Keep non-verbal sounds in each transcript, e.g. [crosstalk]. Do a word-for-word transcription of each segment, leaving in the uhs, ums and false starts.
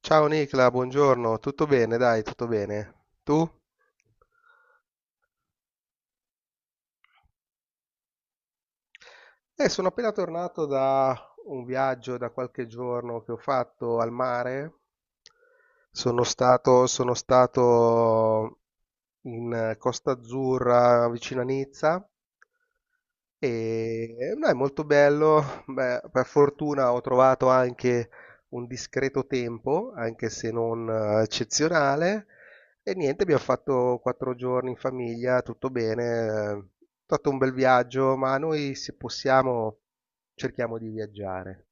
Ciao Nicla, buongiorno, tutto bene? Dai, tutto bene. Tu? Eh, sono appena tornato da un viaggio da qualche giorno che ho fatto al mare. Sono stato, sono stato in eh, Costa Azzurra, vicino a Nizza. E no, è molto bello. Beh, per fortuna ho trovato anche un discreto tempo, anche se non eh, eccezionale. E niente, abbiamo fatto quattro giorni in famiglia, tutto bene. È stato un bel viaggio, ma noi se possiamo cerchiamo di viaggiare.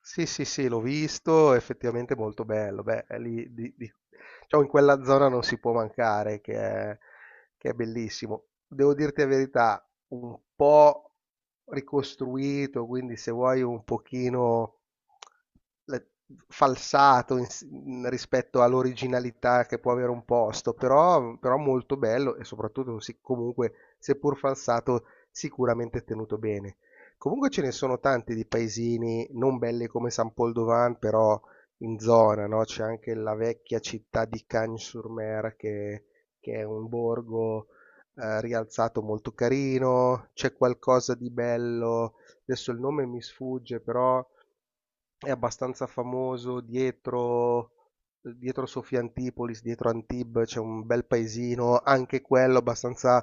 Sì, sì, sì, l'ho visto, effettivamente è molto bello. Beh, è lì, di- di- diciamo, in quella zona non si può mancare, che è, che è bellissimo. Devo dirti la verità, un po' ricostruito, quindi se vuoi un pochino le- falsato in s- in- rispetto all'originalità che può avere un posto, però, però molto bello e soprattutto, sì, comunque, seppur falsato, sicuramente tenuto bene. Comunque ce ne sono tanti di paesini non belli come San Pol d'Ovan, però in zona, no? C'è anche la vecchia città di Cagnes-sur-Mer che, che è un borgo eh, rialzato molto carino, c'è qualcosa di bello, adesso il nome mi sfugge, però è abbastanza famoso dietro, dietro Sofia Antipolis, dietro Antibes, c'è un bel paesino, anche quello abbastanza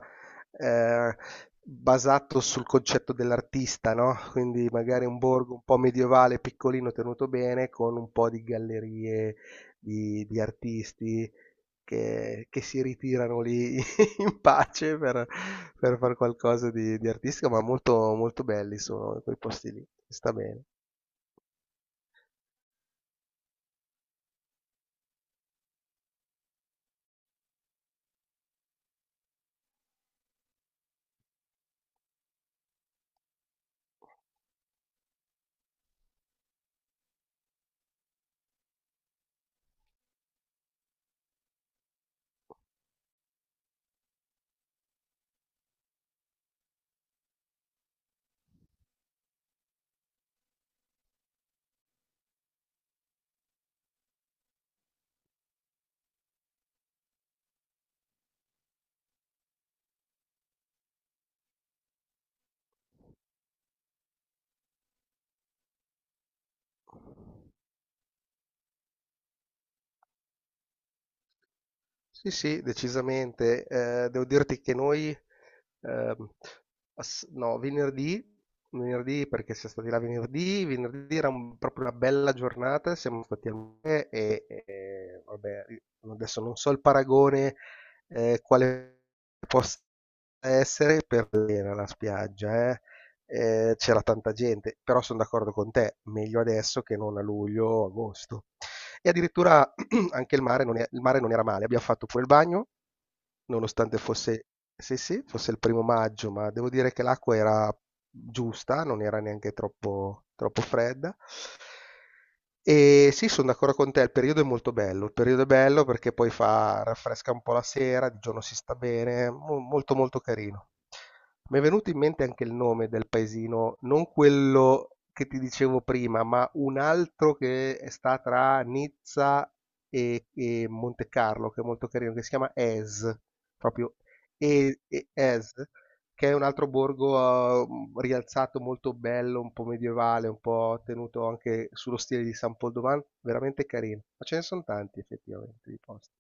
eh, basato sul concetto dell'artista, no? Quindi magari un borgo un po' medievale, piccolino, tenuto bene, con un po' di gallerie di, di artisti che, che si ritirano lì [laughs] in pace per, per fare qualcosa di, di artistico, ma molto, molto belli sono quei posti lì, sta bene. Sì, sì, decisamente. Ehm, devo dirti che noi, ehm, ass no, venerdì venerdì perché siam stati là venerdì, venerdì era un proprio una bella giornata, siamo stati al mare e e vabbè, i adesso non so il paragone, ehm, quale possa essere per l'era la spiaggia, eh. Ehm, c'era tanta gente, però son d'accordo con te, meglio adesso che non a luglio o agosto. E addirittura [clears throat] anche il mare, non è, il mare non era male, abbiamo fatto pure il bagno, nonostante fosse sì, sì, fosse il primo maggio, ma devo dire che l'acqua era giusta, non era neanche troppo, troppo fredda. E sì, sono d'accordo con te, il periodo è molto bello, il periodo è bello perché poi fa, raffresca un po' la sera, di giorno si sta bene, mo- molto molto carino. Mi è venuto in mente anche il nome del paesino, non quello che ti dicevo prima, ma un altro che sta tra Nizza e, e Monte Carlo, che è molto carino, che si chiama Es. Proprio e e Es, che è un altro borgo, uhm, rialzato molto bello, un po' medievale, un po' tenuto anche sullo stile di San Poldovan, veramente carino. Ma ce ne son tanti effettivamente di posti.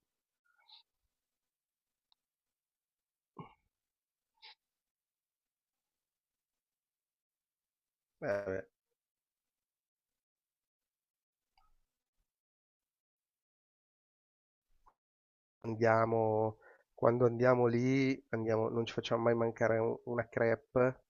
Eh beh, andiamo quando andiamo lì andiamo non ci facciamo mai mancare u una crêpe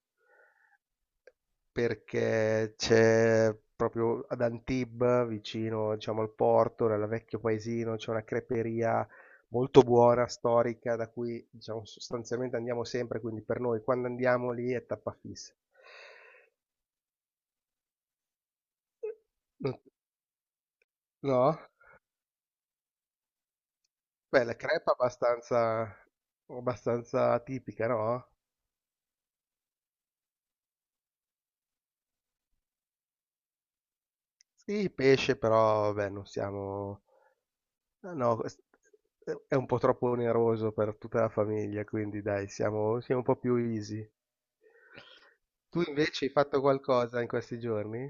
perché c'è proprio ad Antibes, vicino, diciamo, al porto, nel vecchio paesino, c'è una creperia molto buona, storica, da cui, diciamo, sostanzialmente andiamo sempre, quindi per noi quando andiamo lì è tappa fissa. Non. No? Beh, la crepa è abbastanza, abbastanza tipica, no? Sì, pesce, però, beh, non siamo... No, no, quest- è un po' troppo oneroso per tutta la famiglia, quindi dai, siamo, siamo un po' più easy. Tu invece hai fatto qualcosa in questi giorni?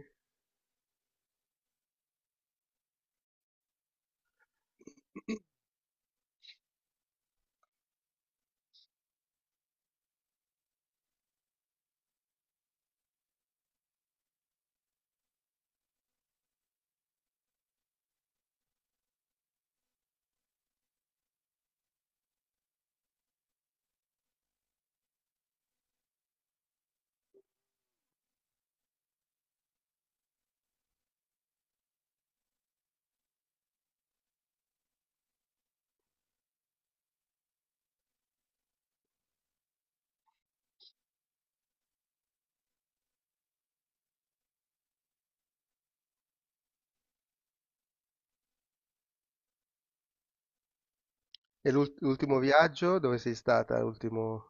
E l'ult- l'ultimo viaggio? Dove sei stata? L'ultimo...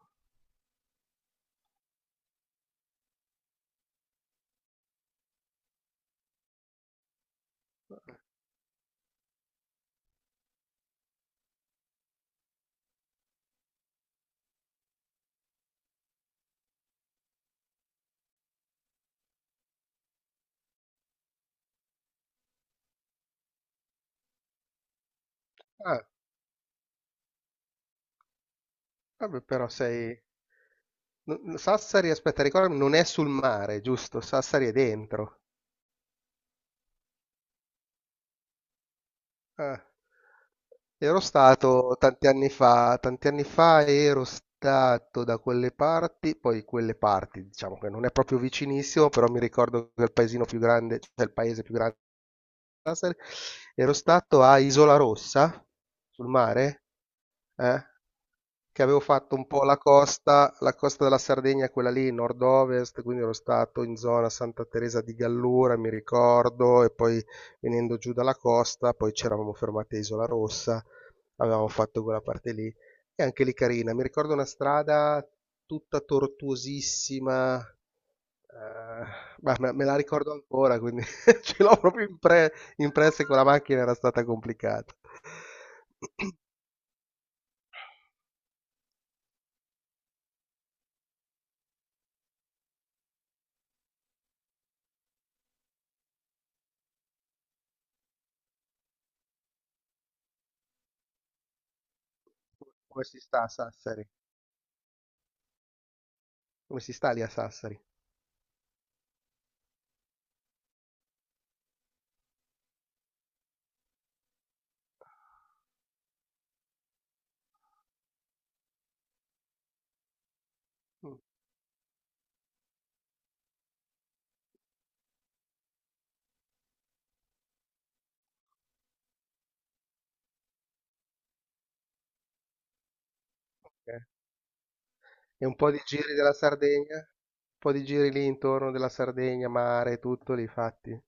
Ah, vabbè, però sei... no- Sassari, aspetta, ricordami, non è sul mare, giusto? Sassari è dentro. Ah, ero stato tanti anni fa, tanti anni fa ero stato da quelle parti, poi quelle parti, diciamo che non è proprio vicinissimo, però mi ricordo che il paesino più grande, cioè il paese più grande, ero stato a Isola Rossa, sul mare. Eh, che avevo fatto un po' la costa, la costa della Sardegna, quella lì, nord-ovest, quindi ero stato in zona Santa Teresa di Gallura, mi ricordo, e poi venendo giù dalla costa, poi c'eravamo fermati a Isola Rossa, avevamo fatto quella parte lì, e anche lì carina, mi ricordo una strada tutta tortuosissima, eh, ma me, me la ricordo ancora, quindi [laughs] ce l'ho proprio impre- impressa che quella macchina era stata complicata. [clears throat] Come si sta a Sassari? Come si sta lì a Sassari? Mm. Okay. E un po' di giri della Sardegna? Un po' di giri lì intorno della Sardegna, mare, tutto li fatti?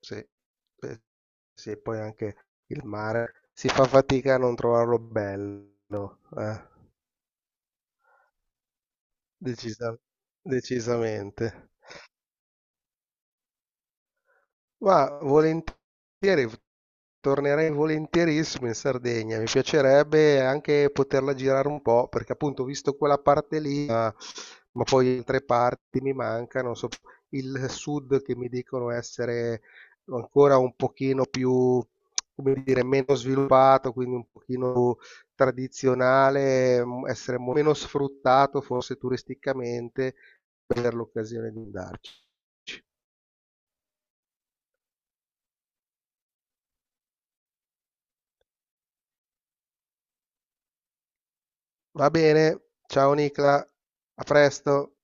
Sì. Eh, sì, poi anche il mare. Si fa fatica a non trovarlo bello, eh, decisa decisamente. Ma volentieri, tornerei volentierissimo in Sardegna, mi piacerebbe anche poterla girare un po', perché appunto ho visto quella parte lì, ma, ma poi altre parti mi mancano, so- il sud che mi dicono essere ancora un pochino più, come dire, meno sviluppato, quindi un pochino più tradizionale, m- essere mo- meno sfruttato forse turisticamente, per l'occasione di andarci. Va bene, ciao Nicla, a presto.